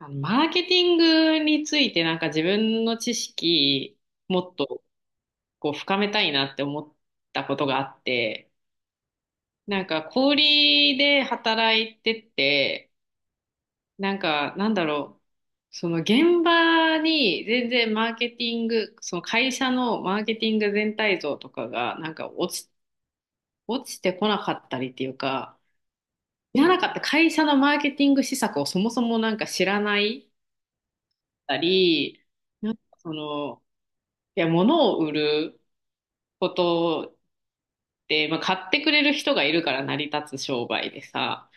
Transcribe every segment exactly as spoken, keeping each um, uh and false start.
あの、マーケティングについてなんか自分の知識もっとこう深めたいなって思ったことがあって、なんか小売りで働いてて、なんかなんだろう、その現場に全然マーケティング、その会社のマーケティング全体像とかがなんか落ち、落ちてこなかったりっていうか、知らなかった会社のマーケティング施策をそもそもなんか知らないったり、なんかその、いや、物を売ることって、まあ、買ってくれる人がいるから成り立つ商売でさ、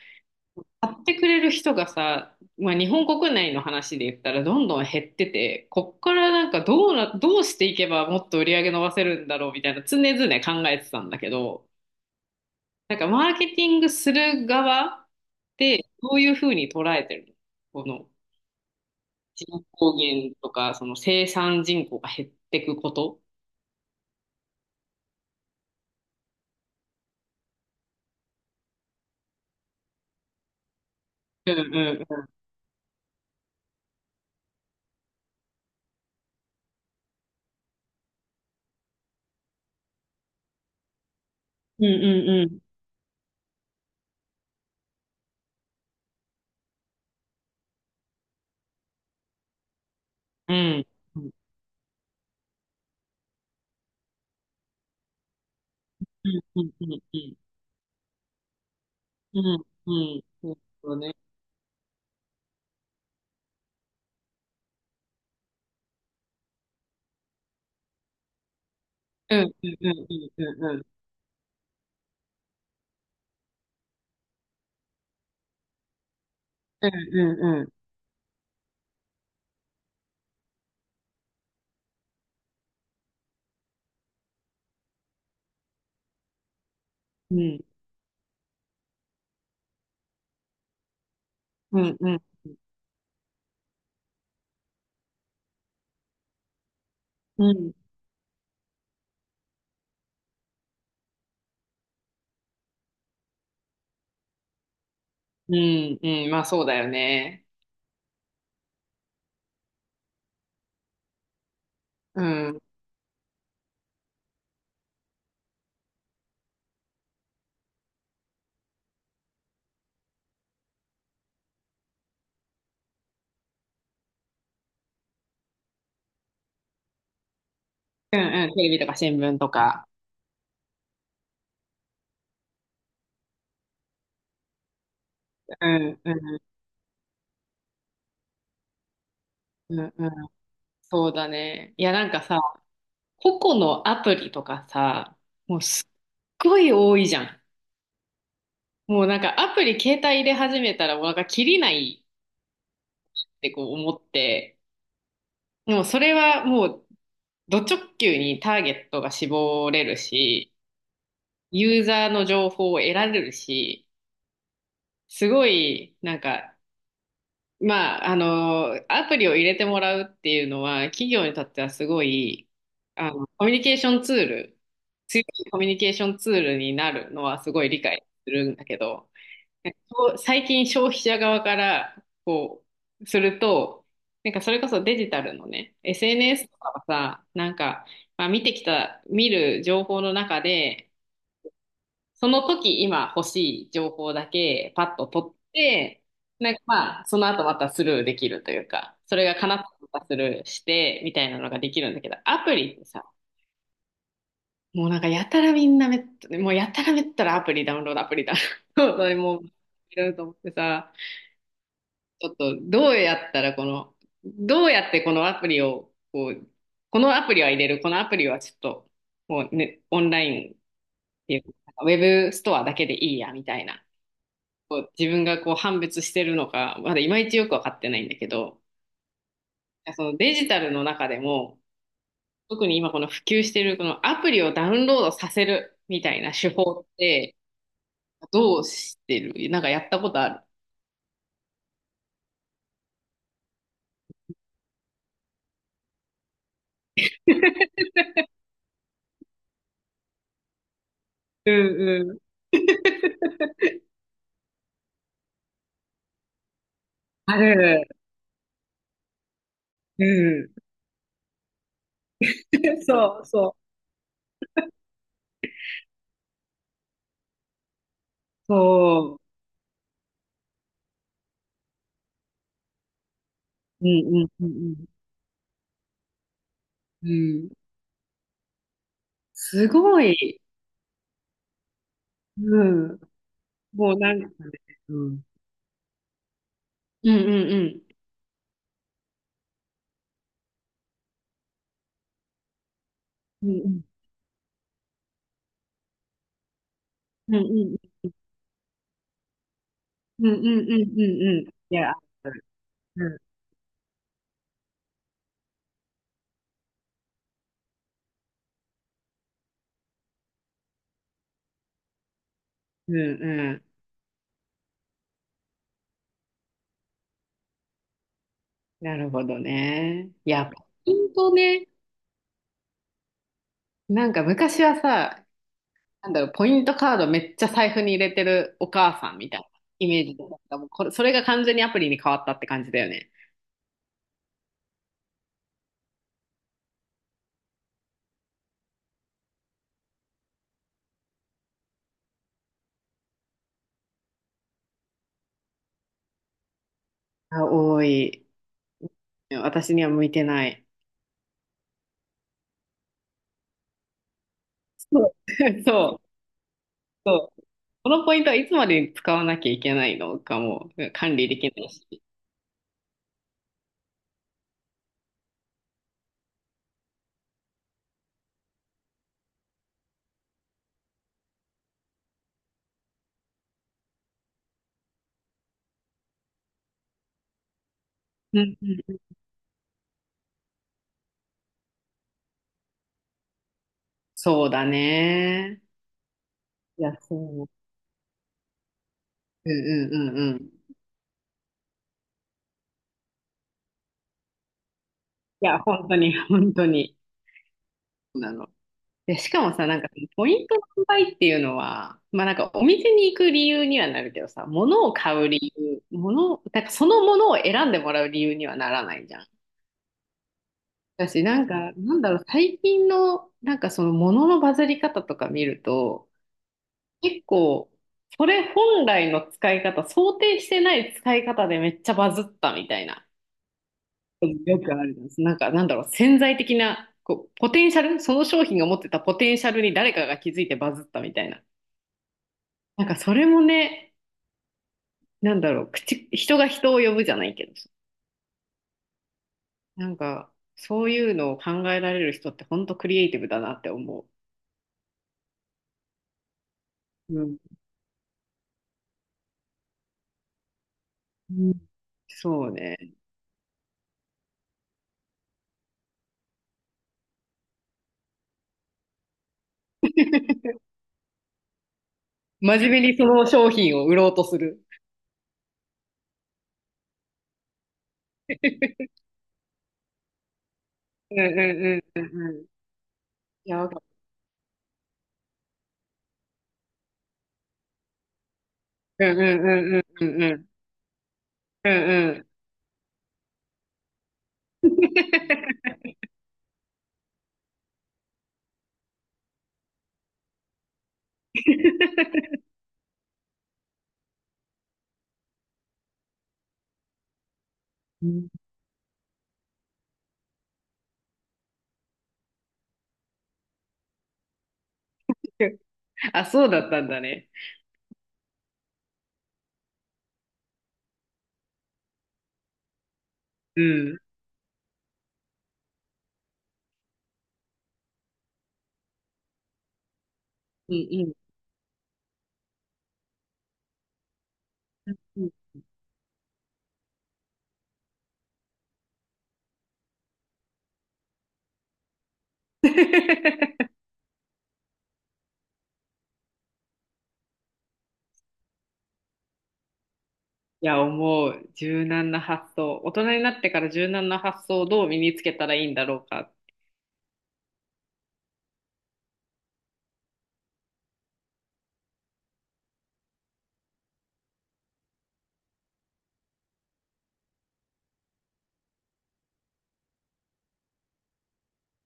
買ってくれる人がさ、まあ、日本国内の話で言ったらどんどん減ってて、こっからなんかどうな、どうしていけばもっと売り上げ伸ばせるんだろうみたいな常々考えてたんだけど、なんかマーケティングする側ってどういうふうに捉えてるのこの人口減とか、その生産人口が減っていくこと。うんうんうん。うんうんうん。うん。うんうんうんうん。うんうん。そうそうね。うんうんうんうんうんうん。うんうんうんうん。うんうんうん。まあそうだよね。うん。うんうん。テレビとか新聞とか。うんうんうんうん。そうだね。いやなんかさ、個々のアプリとかさ、もうすっごい多いじゃん。もうなんかアプリ携帯入れ始めたらもうなんかキリないってこう思って、でもそれはもう、ド直球にターゲットが絞れるし、ユーザーの情報を得られるし、すごい、なんか、まあ、あの、アプリを入れてもらうっていうのは、企業にとってはすごい、あの、コミュニケーションツール、強いコミュニケーションツールになるのはすごい理解するんだけど、そう最近消費者側からこうすると、なんかそれこそデジタルのね、エスエヌエス とかはさ、なんか、まあ、見てきた、見る情報の中で、その時今欲しい情報だけパッと取って、なんかまあ、その後またスルーできるというか、それが叶ったらまたスルーして、みたいなのができるんだけど、アプリってさ、もうなんかやたらみんなめっ、もうやたらめったらアプリダウンロード、アプリダウンロード、それもう、いろいろと思ってさ、ちょっとどうやったらこの、どうやってこのアプリを、こう、このアプリは入れる、このアプリはちょっと、もうね、オンラインっていうか、ウェブストアだけでいいや、みたいな。こう自分がこう判別してるのか、まだいまいちよくわかってないんだけど、そのデジタルの中でも、特に今この普及してるこのアプリをダウンロードさせるみたいな手法ってどうしてるなんかやったことある。うんうん。ある。うん。そうそう。そう。うんうんうんうん。うん。すごい。うん。もうなんか、うん。うんうんうん。うんうんうんうんうんうんうんうんうん。いや、うんうんうん。なるほどね。いや、ポイントね。なんか昔はさ、なんだろう、ポイントカードめっちゃ財布に入れてるお母さんみたいなイメージで、なんかもうこれ、それが完全にアプリに変わったって感じだよね。あ、多い。私には向いてない。そう。そうそう。このポイントはいつまでに使わなきゃいけないのかも管理できないし。うんうん。そうだね。いや、そう。うんうんうんうん。いや、本当に、本当に。そうなの。で、しかもさ、なんか、ポイントの販売っていうのは、まあなんか、お店に行く理由にはなるけどさ、物を買う理由、物なんからそのものを選んでもらう理由にはならないじゃん。だし、なんか、なんだろう、最近の、なんかその物のバズり方とか見ると、結構、それ本来の使い方、想定してない使い方でめっちゃバズったみたいな。よくあるんです。なんか、なんだろう、潜在的な、こう、ポテンシャル、その商品が持ってたポテンシャルに誰かが気づいてバズったみたいな。なんか、それもね、なんだろう、口、人が人を呼ぶじゃないけど、なんか、そういうのを考えられる人って本当クリエイティブだなって思う。うん。うんそうね。真面目にその商品を売ろうとする。うんうんうんうんうん。いや、わかうんうんうんうんうん。うんうん。うん あ、そうだったんだね。うん。うんうん。うん いや、思う。柔軟な発想。大人になってから柔軟な発想をどう身につけたらいいんだろうか。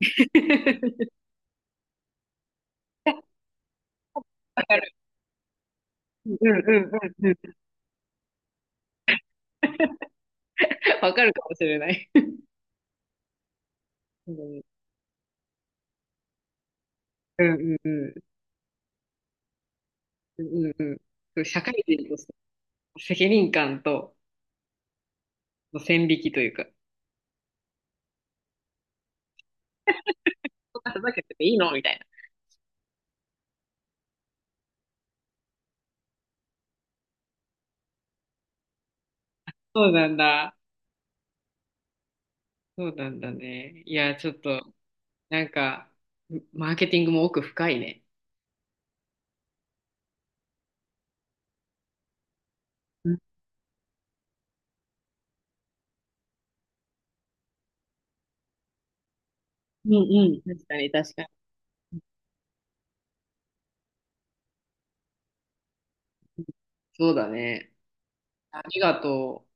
わかる。うんうんうんうん。わかるかもしれない。うんうんうんうん。うんうん社会人として責任感との線引きというか、そんなふざけてていいのみたいな。そうなんだ。そうなんだね。いや、ちょっと。なんか、マーケティングも奥深いね。うんうんうん。確かに確かに。そうだね。ありがとう。